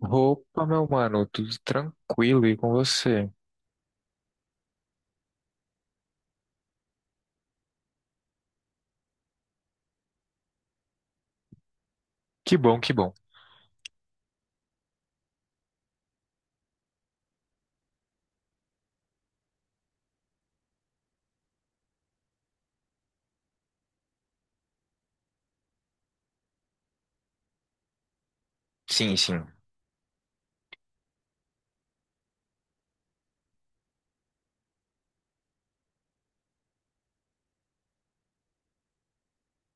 Opa, meu mano, tudo tranquilo e com você? Que bom, que bom. Sim, sim.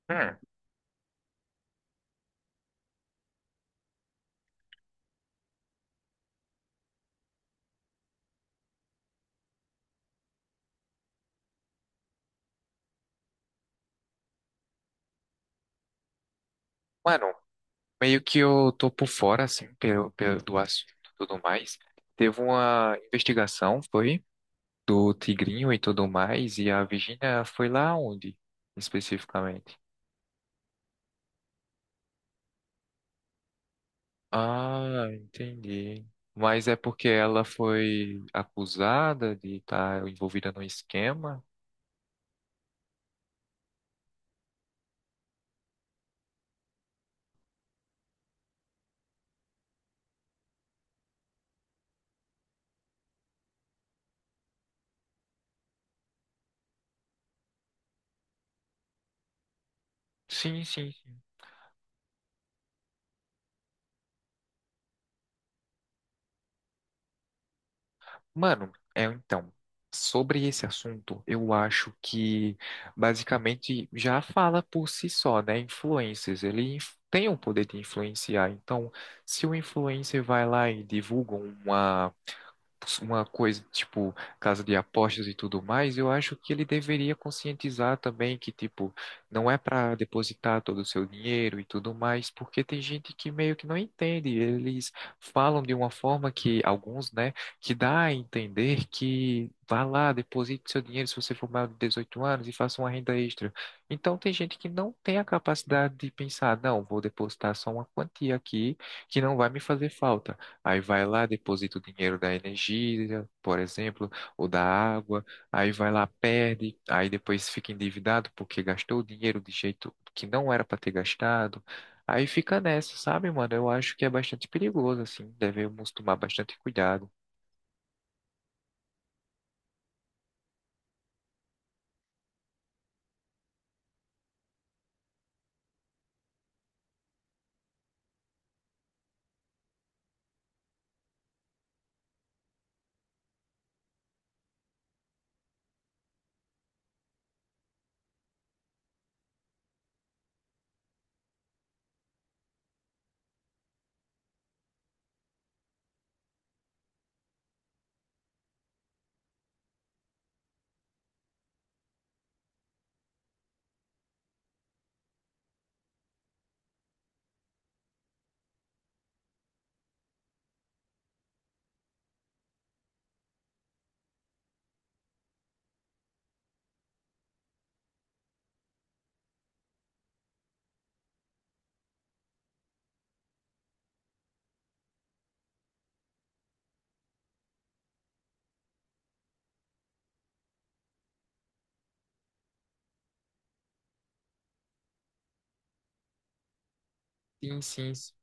Hum, Mano, meio que eu tô por fora, assim, pelo do assunto e tudo mais. Teve uma investigação, foi, do Tigrinho e tudo mais, e a Virginia foi lá onde, especificamente? Ah, entendi. Mas é porque ela foi acusada de estar envolvida no esquema? Sim, sim. Mano, é então, sobre esse assunto, eu acho que basicamente já fala por si só, né? Influencers, ele tem o poder de influenciar. Então, se o influencer vai lá e divulga uma coisa tipo casa de apostas e tudo mais, eu acho que ele deveria conscientizar também que tipo não é para depositar todo o seu dinheiro e tudo mais, porque tem gente que meio que não entende, eles falam de uma forma que alguns, né, que dá a entender que vá lá, deposite seu dinheiro se você for maior de 18 anos e faça uma renda extra. Então tem gente que não tem a capacidade de pensar, não, vou depositar só uma quantia aqui que não vai me fazer falta. Aí vai lá, deposita o dinheiro da energia, por exemplo, ou da água. Aí vai lá, perde. Aí depois fica endividado porque gastou o dinheiro de jeito que não era para ter gastado. Aí fica nessa, sabe, mano? Eu acho que é bastante perigoso, assim. Devemos tomar bastante cuidado. Sim, sim. Sim.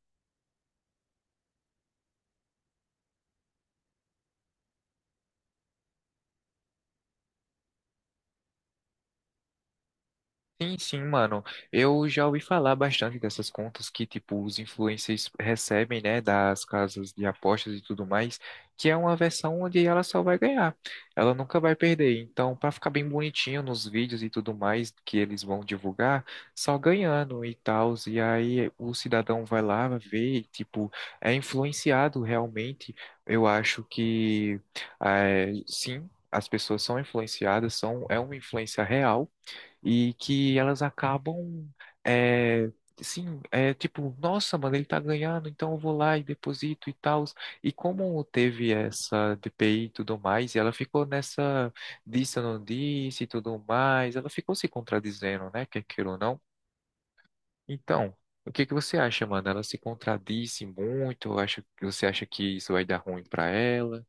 Sim, sim, mano. Eu já ouvi falar bastante dessas contas que, tipo, os influencers recebem, né, das casas de apostas e tudo mais, que é uma versão onde ela só vai ganhar. Ela nunca vai perder. Então, pra ficar bem bonitinho nos vídeos e tudo mais que eles vão divulgar, só ganhando e tal. E aí o cidadão vai lá, vê, e, tipo, é influenciado realmente. Eu acho que, eh, sim. As pessoas são influenciadas, são, é uma influência real, e que elas acabam, é, sim, é tipo, nossa, mano, ele tá ganhando, então eu vou lá e deposito e tal. E como teve essa DPI e tudo mais, e ela ficou nessa disse, eu não disse e tudo mais, ela ficou se contradizendo, né, quer queira ou não. Então, o que que você acha, mano? Ela se contradisse muito? Acha, você acha que isso vai dar ruim pra ela?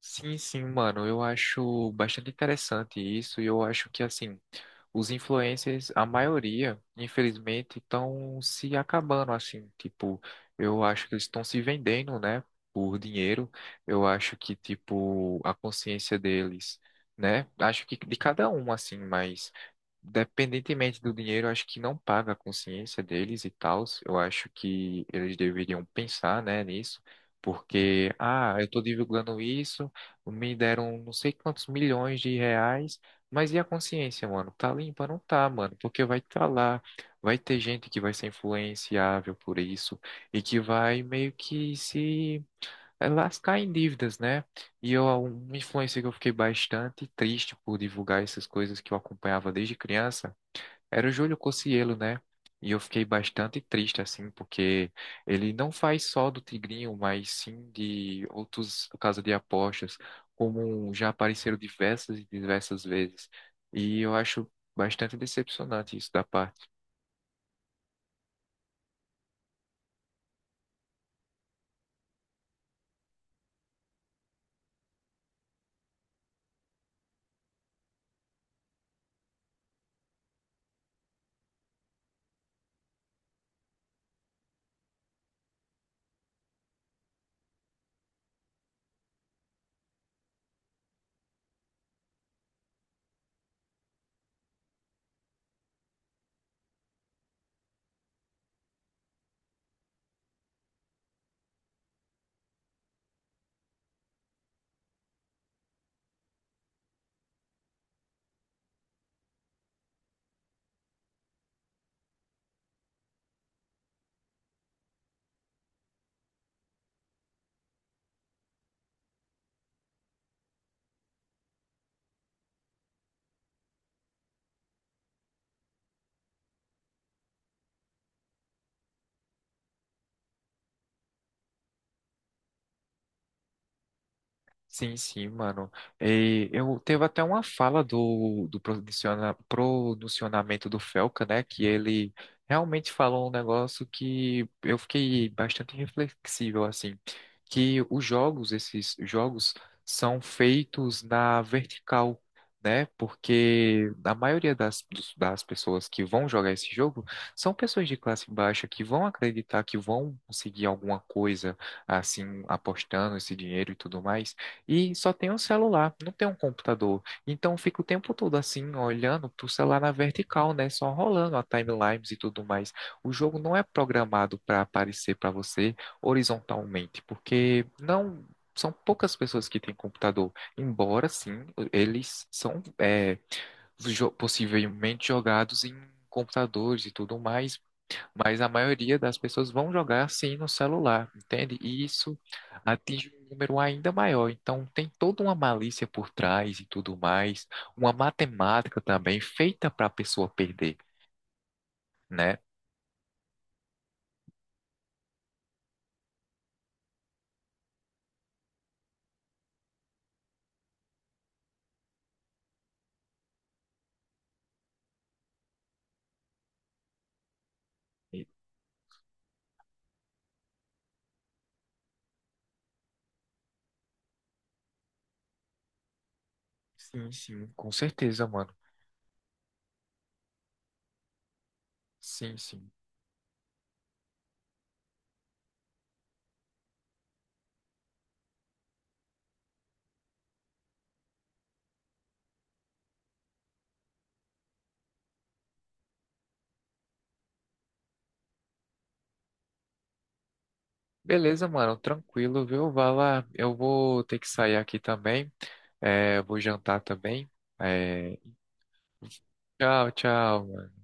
Sim, sim, mano, eu acho bastante interessante isso e eu acho que, assim, os influencers, a maioria, infelizmente, estão se acabando, assim, tipo, eu acho que eles estão se vendendo, né, por dinheiro, eu acho que, tipo, a consciência deles, né, acho que de cada um, assim, mas dependentemente do dinheiro, eu acho que não paga a consciência deles e tal. Eu acho que eles deveriam pensar, né, nisso, porque, ah, eu estou divulgando isso, me deram não sei quantos milhões de reais, mas e a consciência, mano? Tá limpa? Não tá, mano, porque vai estar lá, vai ter gente que vai ser influenciável por isso e que vai meio que se é, lascar em dívidas, né? E eu, uma influência que eu fiquei bastante triste por divulgar essas coisas que eu acompanhava desde criança era o Júlio Cocielo, né? E eu fiquei bastante triste, assim, porque ele não faz só do Tigrinho, mas sim de outros casas de apostas, como um, já apareceram diversas e diversas vezes. E eu acho bastante decepcionante isso da parte. Sim, sim, mano. E eu teve até uma fala do, do pronunciamento do Felca, né? Que ele realmente falou um negócio que eu fiquei bastante reflexível, assim, que os jogos, esses jogos, são feitos na vertical, né? Porque a maioria das, das pessoas que vão jogar esse jogo são pessoas de classe baixa que vão acreditar que vão conseguir alguma coisa, assim, apostando esse dinheiro e tudo mais. E só tem um celular, não tem um computador. Então eu fico o tempo todo assim, olhando pro celular na vertical, né? Só rolando a timelines e tudo mais. O jogo não é programado para aparecer para você horizontalmente, porque não são poucas pessoas que têm computador. Embora sim, eles são possivelmente jogados em computadores e tudo mais, mas a maioria das pessoas vão jogar assim no celular, entende? E isso atinge um número ainda maior. Então, tem toda uma malícia por trás e tudo mais, uma matemática também feita para a pessoa perder, né? E- Sim, sim, com certeza, mano. Sim, sim. Beleza, mano, tranquilo, viu? Vai lá. Eu vou ter que sair aqui também. É, vou jantar também. É, tchau, tchau.